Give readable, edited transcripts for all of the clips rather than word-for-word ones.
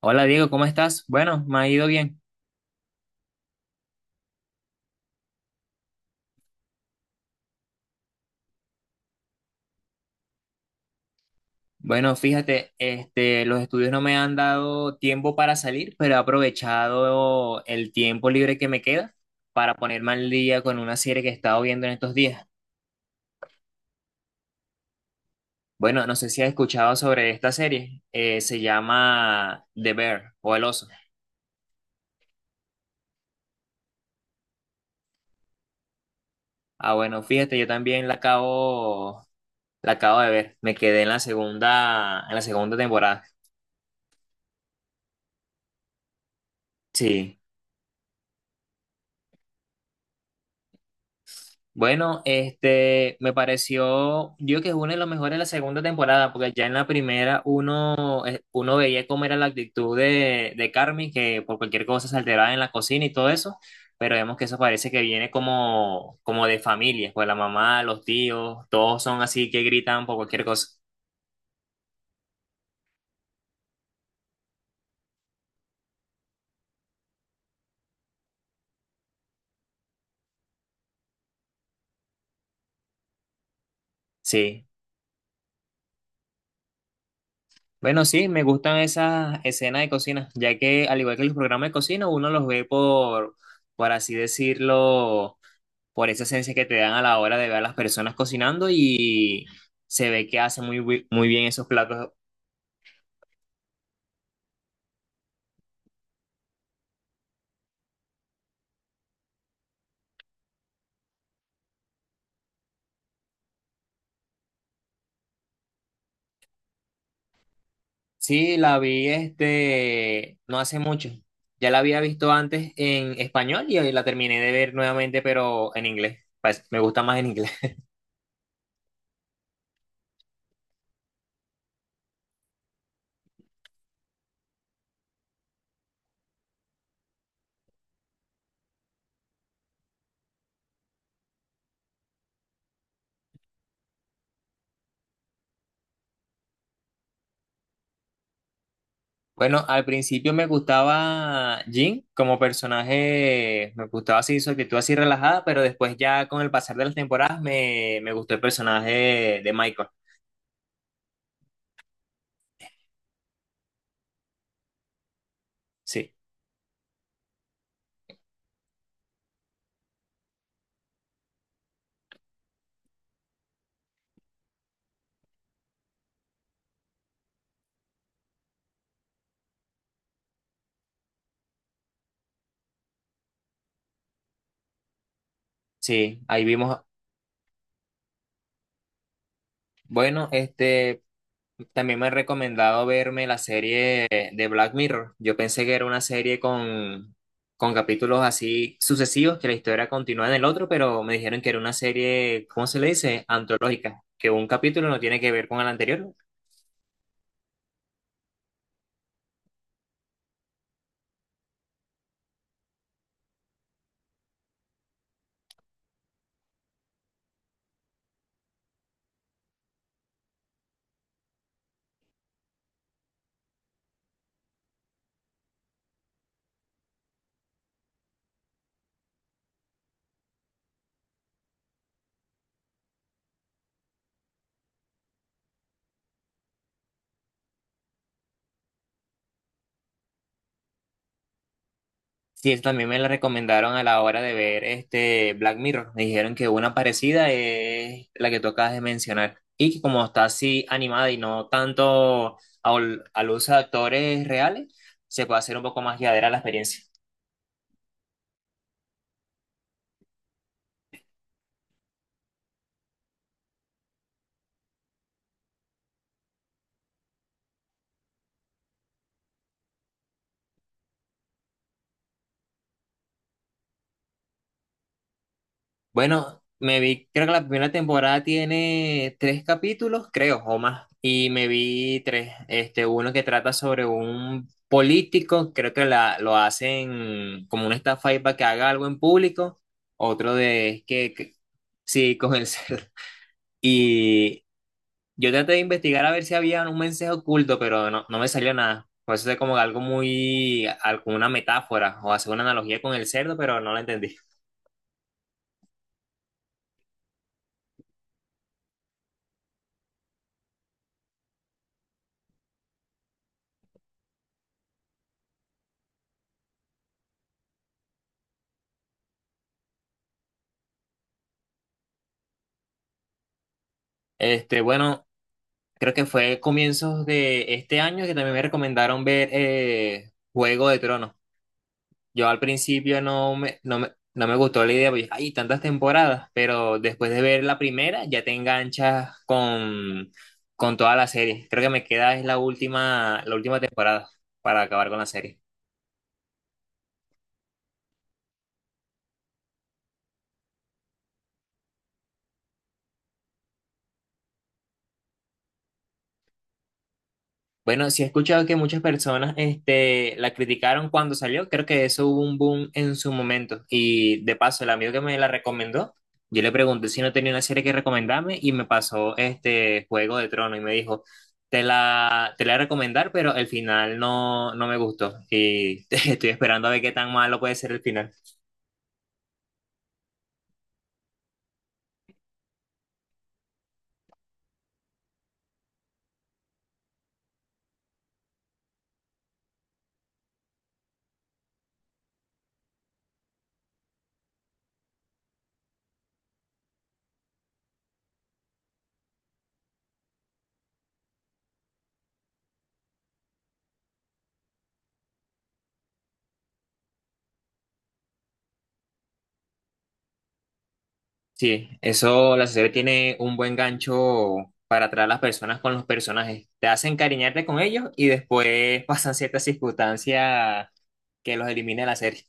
Hola Diego, ¿cómo estás? Bueno, me ha ido bien. Bueno, fíjate, los estudios no me han dado tiempo para salir, pero he aprovechado el tiempo libre que me queda para ponerme al día con una serie que he estado viendo en estos días. Bueno, no sé si has escuchado sobre esta serie. Se llama The Bear o El Oso. Ah, bueno, fíjate, yo también la acabo de ver. Me quedé en la segunda temporada. Sí. Bueno, me pareció, yo que es una de las mejores de la segunda temporada, porque ya en la primera uno veía cómo era la actitud de Carmen, que por cualquier cosa se alteraba en la cocina y todo eso, pero vemos que eso parece que viene como de familia, pues la mamá, los tíos, todos son así que gritan por cualquier cosa. Sí. Bueno, sí, me gustan esas escenas de cocina, ya que al igual que los programas de cocina, uno los ve por así decirlo, por esa esencia que te dan a la hora de ver a las personas cocinando y se ve que hace muy bien esos platos. Sí, la vi no hace mucho. Ya la había visto antes en español y hoy la terminé de ver nuevamente, pero en inglés. Pues, me gusta más en inglés. Bueno, al principio me gustaba Jin como personaje, me gustaba así su actitud así relajada, pero después ya con el pasar de las temporadas me gustó el personaje de Michael. Sí, sí, ahí vimos. Bueno, también me han recomendado verme la serie de Black Mirror. Yo pensé que era una serie con capítulos así sucesivos, que la historia continúa en el otro, pero me dijeron que era una serie, ¿cómo se le dice? Antológica, que un capítulo no tiene que ver con el anterior. Sí, eso también me la recomendaron a la hora de ver este Black Mirror. Me dijeron que una parecida es la que tú acabas de mencionar. Y que como está así animada y no tanto al uso de actores reales, se puede hacer un poco más llevadera la experiencia. Bueno, me vi, creo que la primera temporada tiene tres capítulos, creo, o más. Y me vi tres. Este, uno que trata sobre un político, creo que lo hacen como una estafa ahí para que haga algo en público. Otro de es que- Sí, con el cerdo. Y yo traté de investigar a ver si había un mensaje oculto, pero no me salió nada. Por eso es como algo muy, alguna metáfora o hacer una analogía con el cerdo, pero no la entendí. Este, bueno. Creo que fue comienzos de este año que también me recomendaron ver Juego de Tronos. Yo al principio no me gustó la idea, porque hay tantas temporadas, pero después de ver la primera ya te enganchas con toda la serie. Creo que me queda es la última temporada para acabar con la serie. Bueno, sí he escuchado que muchas personas la criticaron cuando salió. Creo que eso hubo un boom en su momento. Y de paso, el amigo que me la recomendó, yo le pregunté si no tenía una serie que recomendarme y me pasó este Juego de Tronos y me dijo, te la voy a recomendar, pero el final no me gustó. Y estoy esperando a ver qué tan malo puede ser el final. Sí, eso, la serie tiene un buen gancho para atraer a las personas con los personajes. Te hacen encariñarte con ellos y después pasan ciertas circunstancias que los elimina de la serie.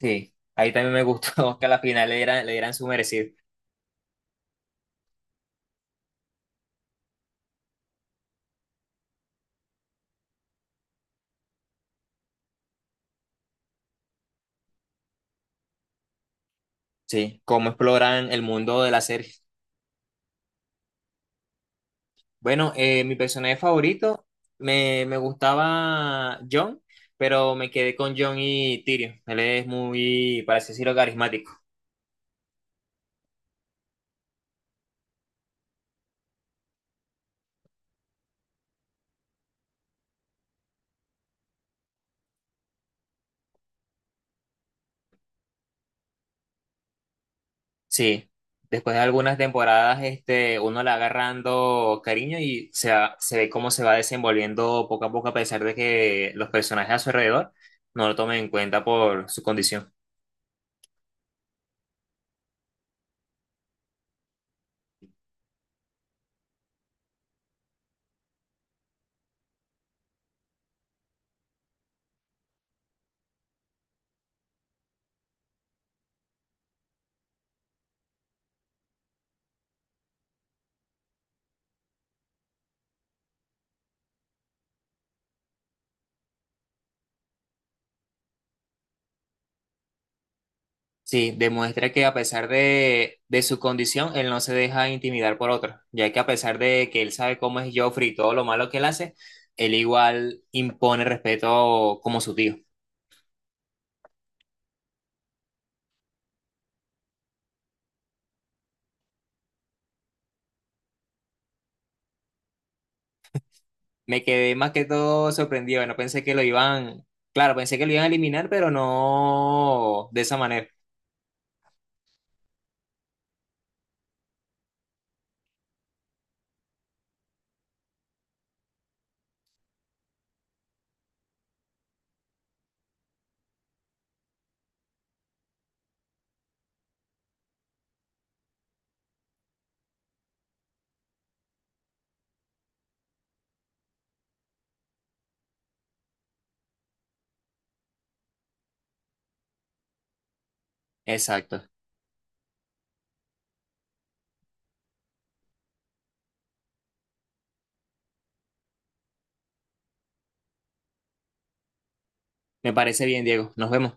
Sí, ahí también me gustó que a la final le dieran su merecido. Sí, cómo exploran el mundo de la serie. Bueno, mi personaje favorito me gustaba John, pero me quedé con John y Tyrion. Él es muy, para así decirlo, carismático. Sí, después de algunas temporadas, uno le va agarrando cariño y se ve cómo se va desenvolviendo poco a poco, a pesar de que los personajes a su alrededor no lo tomen en cuenta por su condición. Sí, demuestra que a pesar de su condición, él no se deja intimidar por otros, ya que a pesar de que él sabe cómo es Joffrey y todo lo malo que él hace, él igual impone respeto como su tío. Me quedé más que todo sorprendido. No pensé que lo iban, claro, pensé que lo iban a eliminar, pero no de esa manera. Exacto. Me parece bien, Diego. Nos vemos.